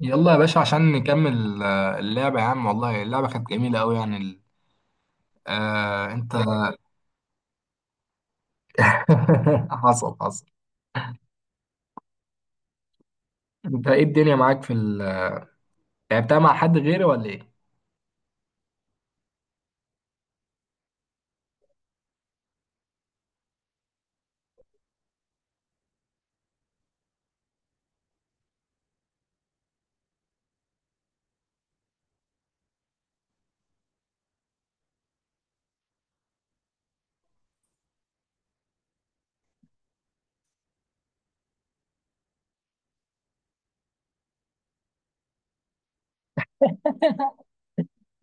يلا يا باشا عشان نكمل اللعبة يا عم، والله اللعبة كانت جميلة أوي آه أنت. حصل حصل. أنت إيه الدنيا معاك لعبتها مع حد غيري ولا إيه؟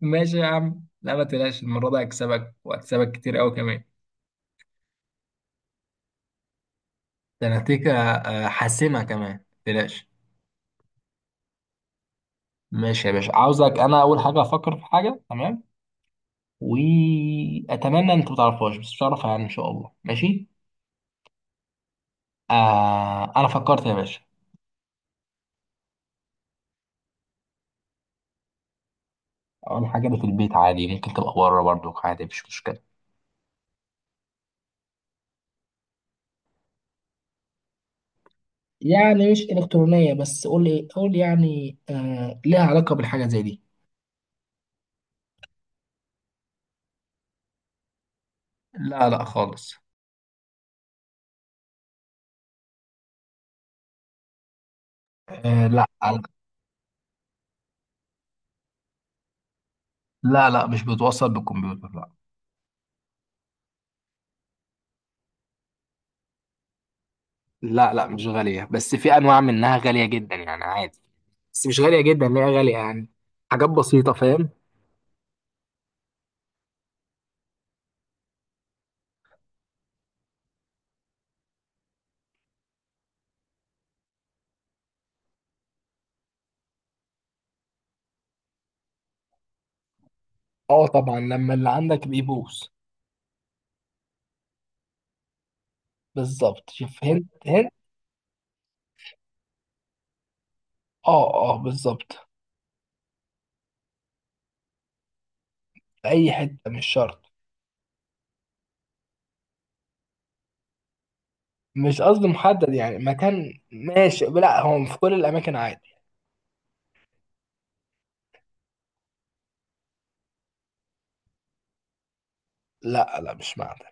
ماشي يا عم، لا، ما تقلقش، المرة دي هكسبك وهكسبك كتير أوي كمان. ده أنا هديك حاسمة كمان، ما تقلقش. ماشي يا باشا، عاوزك أنا أول حاجة أفكر في حاجة، تمام؟ وأتمنى أنت ما تعرفهاش، بس مش هعرفها يعني إن شاء الله، ماشي؟ أنا فكرت يا باشا. اول حاجه اللي في البيت عادي، ممكن تبقى بره برضو عادي، مفيش مشكله. يعني مش إلكترونية، بس قول لي، قول يعني آه ليها علاقة بالحاجة زي دي. لا لا خالص. آه لا. لا لا مش بتوصل بالكمبيوتر، لا. لا لا مش غالية، بس في أنواع منها غالية جدا يعني عادي. بس مش غالية جدا، ليه غالية يعني، حاجات بسيطة، فاهم؟ اه طبعا، لما اللي عندك بيبوظ. بالظبط، شوف، هنت هنت. اه اه بالظبط. في اي حته، مش شرط. مش قصدي محدد يعني مكان، ماشي؟ لا، هو في كل الاماكن عادي. لا لا مش معدن.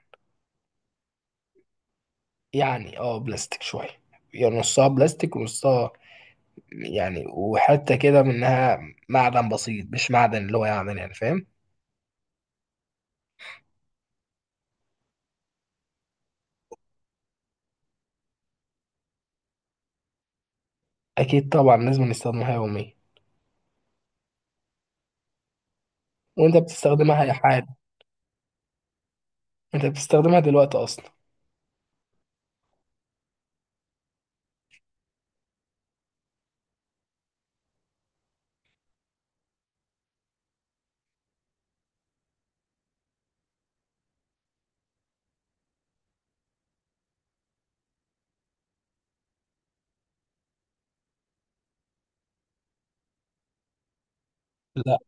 يعني بلاستيك شويه، يعني نصها بلاستيك ونصها، يعني وحته كده منها معدن بسيط، مش معدن اللي هو يعني فاهم؟ اكيد طبعا، لازم نستخدمها يوميا. وانت بتستخدمها يا حاج؟ انت بتستخدمها دلوقتي اصلا. لا.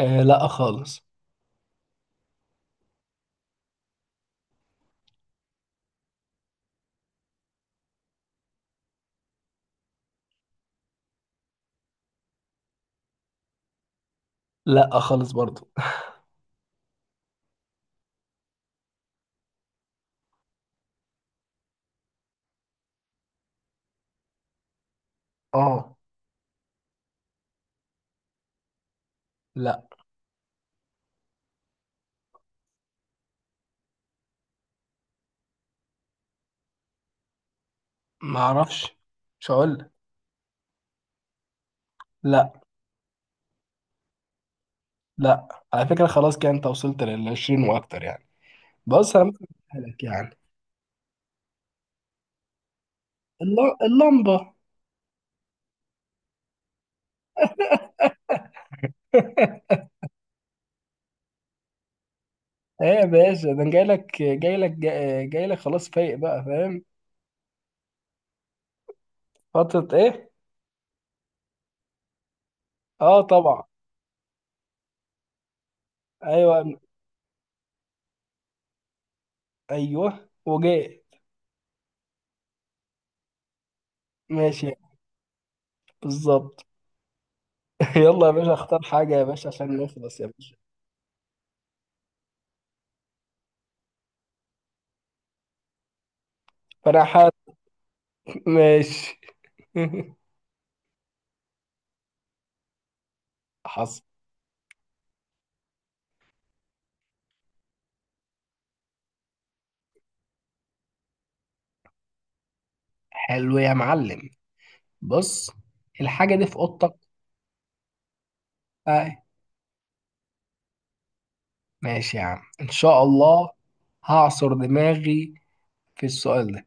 آه لا خالص. لا خالص برضو. اه. لا، ما اعرفش، مش هقول لك. لا. لا. على فكره خلاص كده انت وصلت لل 20 واكتر يعني. بص انا ممكن أقولها لك يعني. اللمبه. ايه يا باشا، ده انا جاي لك جاي لك، جاي لك خلاص، فايق بقى، فاهم؟ فتره ايه؟ اه طبعا. ايوه. ايوه وجاي. ماشي، بالظبط. يلا يا باشا، اختار حاجه يا باشا عشان نخلص يا باشا. فانا حاط. ماشي. حصل. حلو يا معلم، بص، الحاجه دي في اوضتك. اه. ماشي يا عم، ان شاء الله. هعصر دماغي في السؤال ده.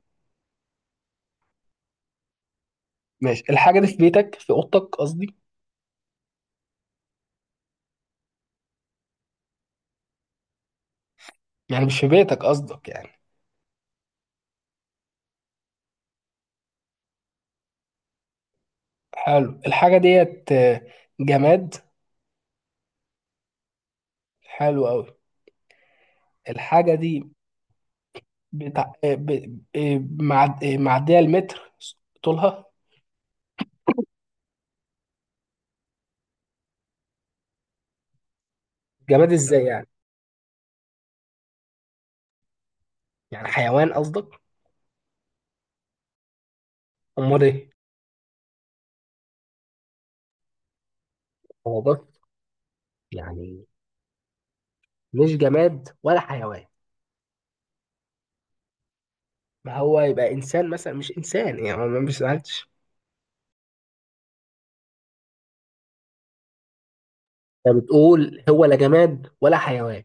ماشي، الحاجة دي في بيتك، في أوضتك قصدي. يعني مش في بيتك قصدك يعني. حلو، الحاجة ديت جماد. حلو أوي. الحاجة دي بتاع معدية المتر طولها. جماد ازاي يعني؟ يعني حيوان قصدك؟ أمال ايه؟ هو بص، يعني مش جماد ولا حيوان؟ ما هو يبقى إنسان مثلا، مش إنسان يعني، ما مش سألتش. أنت بتقول هو لا جماد ولا حيوان،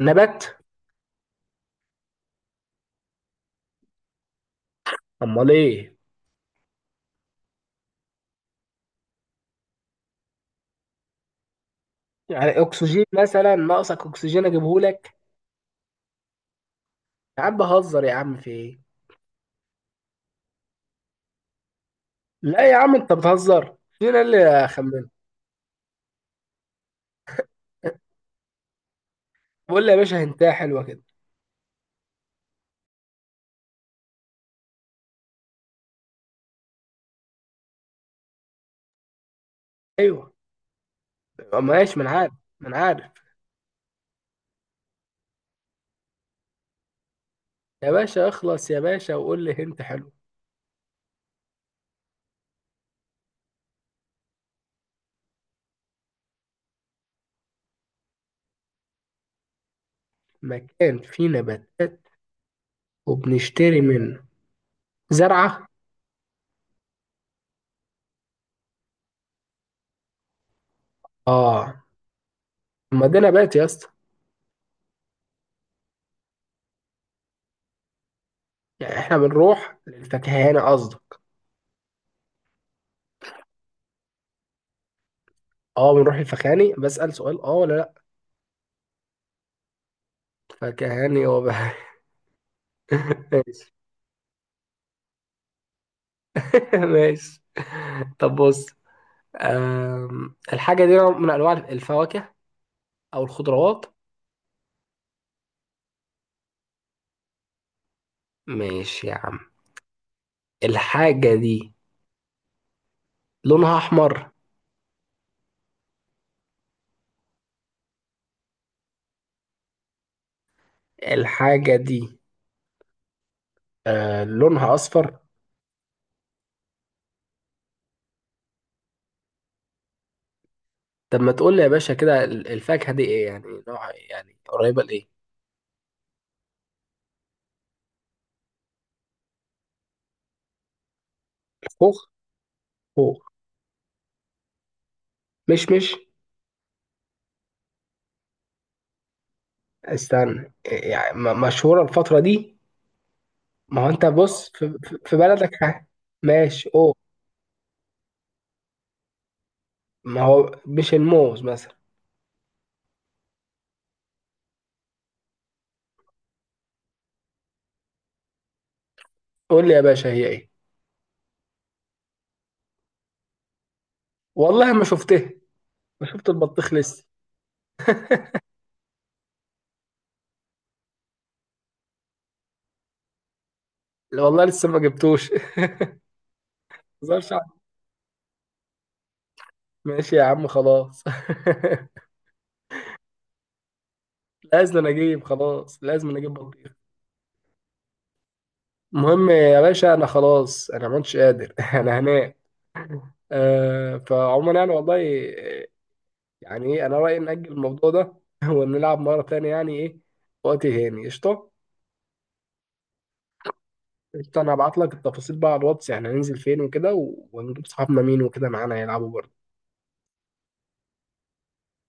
نبات؟ أمال ايه؟ يعني اكسجين مثلا، ناقصك اكسجين اجيبه لك؟ يا عم بهزر، يا عم، في ايه؟ لا يا عم، انت بتهزر، فين اللي اخمنه؟ بقول لي يا باشا هنتايه حلوه كده. ايوه. ماشي، من عارف. من عارف. يا باشا اخلص يا باشا، وقول لي هنت، حلو. مكان فيه نباتات وبنشتري منه زرعه؟ اه. ما ده نبات يا اسطى. يعني احنا بنروح للفكهاني قصدي؟ اه، بنروح للفكهاني بسأل سؤال، اه ولا لا؟ فكهاني هو بقى. ماشي. ماشي، طب بص، الحاجة دي نوع من أنواع الفواكه أو الخضروات. ماشي يا عم. الحاجة دي لونها أحمر؟ الحاجة دي لونها أصفر؟ طب ما تقول لي يا باشا كده، الفاكهة دي إيه، يعني نوع، يعني قريبة لإيه؟ خوخ. خوخ. مش استنى، إيه يعني، مشهورة الفترة دي؟ ما هو أنت بص في بلدك ماشي أوه. ما هو مش الموز مثلا؟ قول لي يا باشا هي إيه. والله ما شفتها، ما شفت البطيخ لسه. لا والله لسه ما جبتوش. هزار شعر. ماشي يا عم، خلاص. لازم انا اجيب، خلاص لازم انا اجيب بطيخ. المهم يا باشا انا خلاص، انا ما كنتش قادر. انا هنام. فعموما يعني والله، آه، يعني ايه، انا رايي ناجل الموضوع ده. ونلعب مره تانية يعني ايه، وقت هاني، قشطه. قشطه، انا هبعت لك التفاصيل بقى على الواتس، يعني هننزل فين وكده ونجيب صحابنا مين وكده معانا يلعبوا برضه.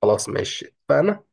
خلاص ماشي اتفقنا.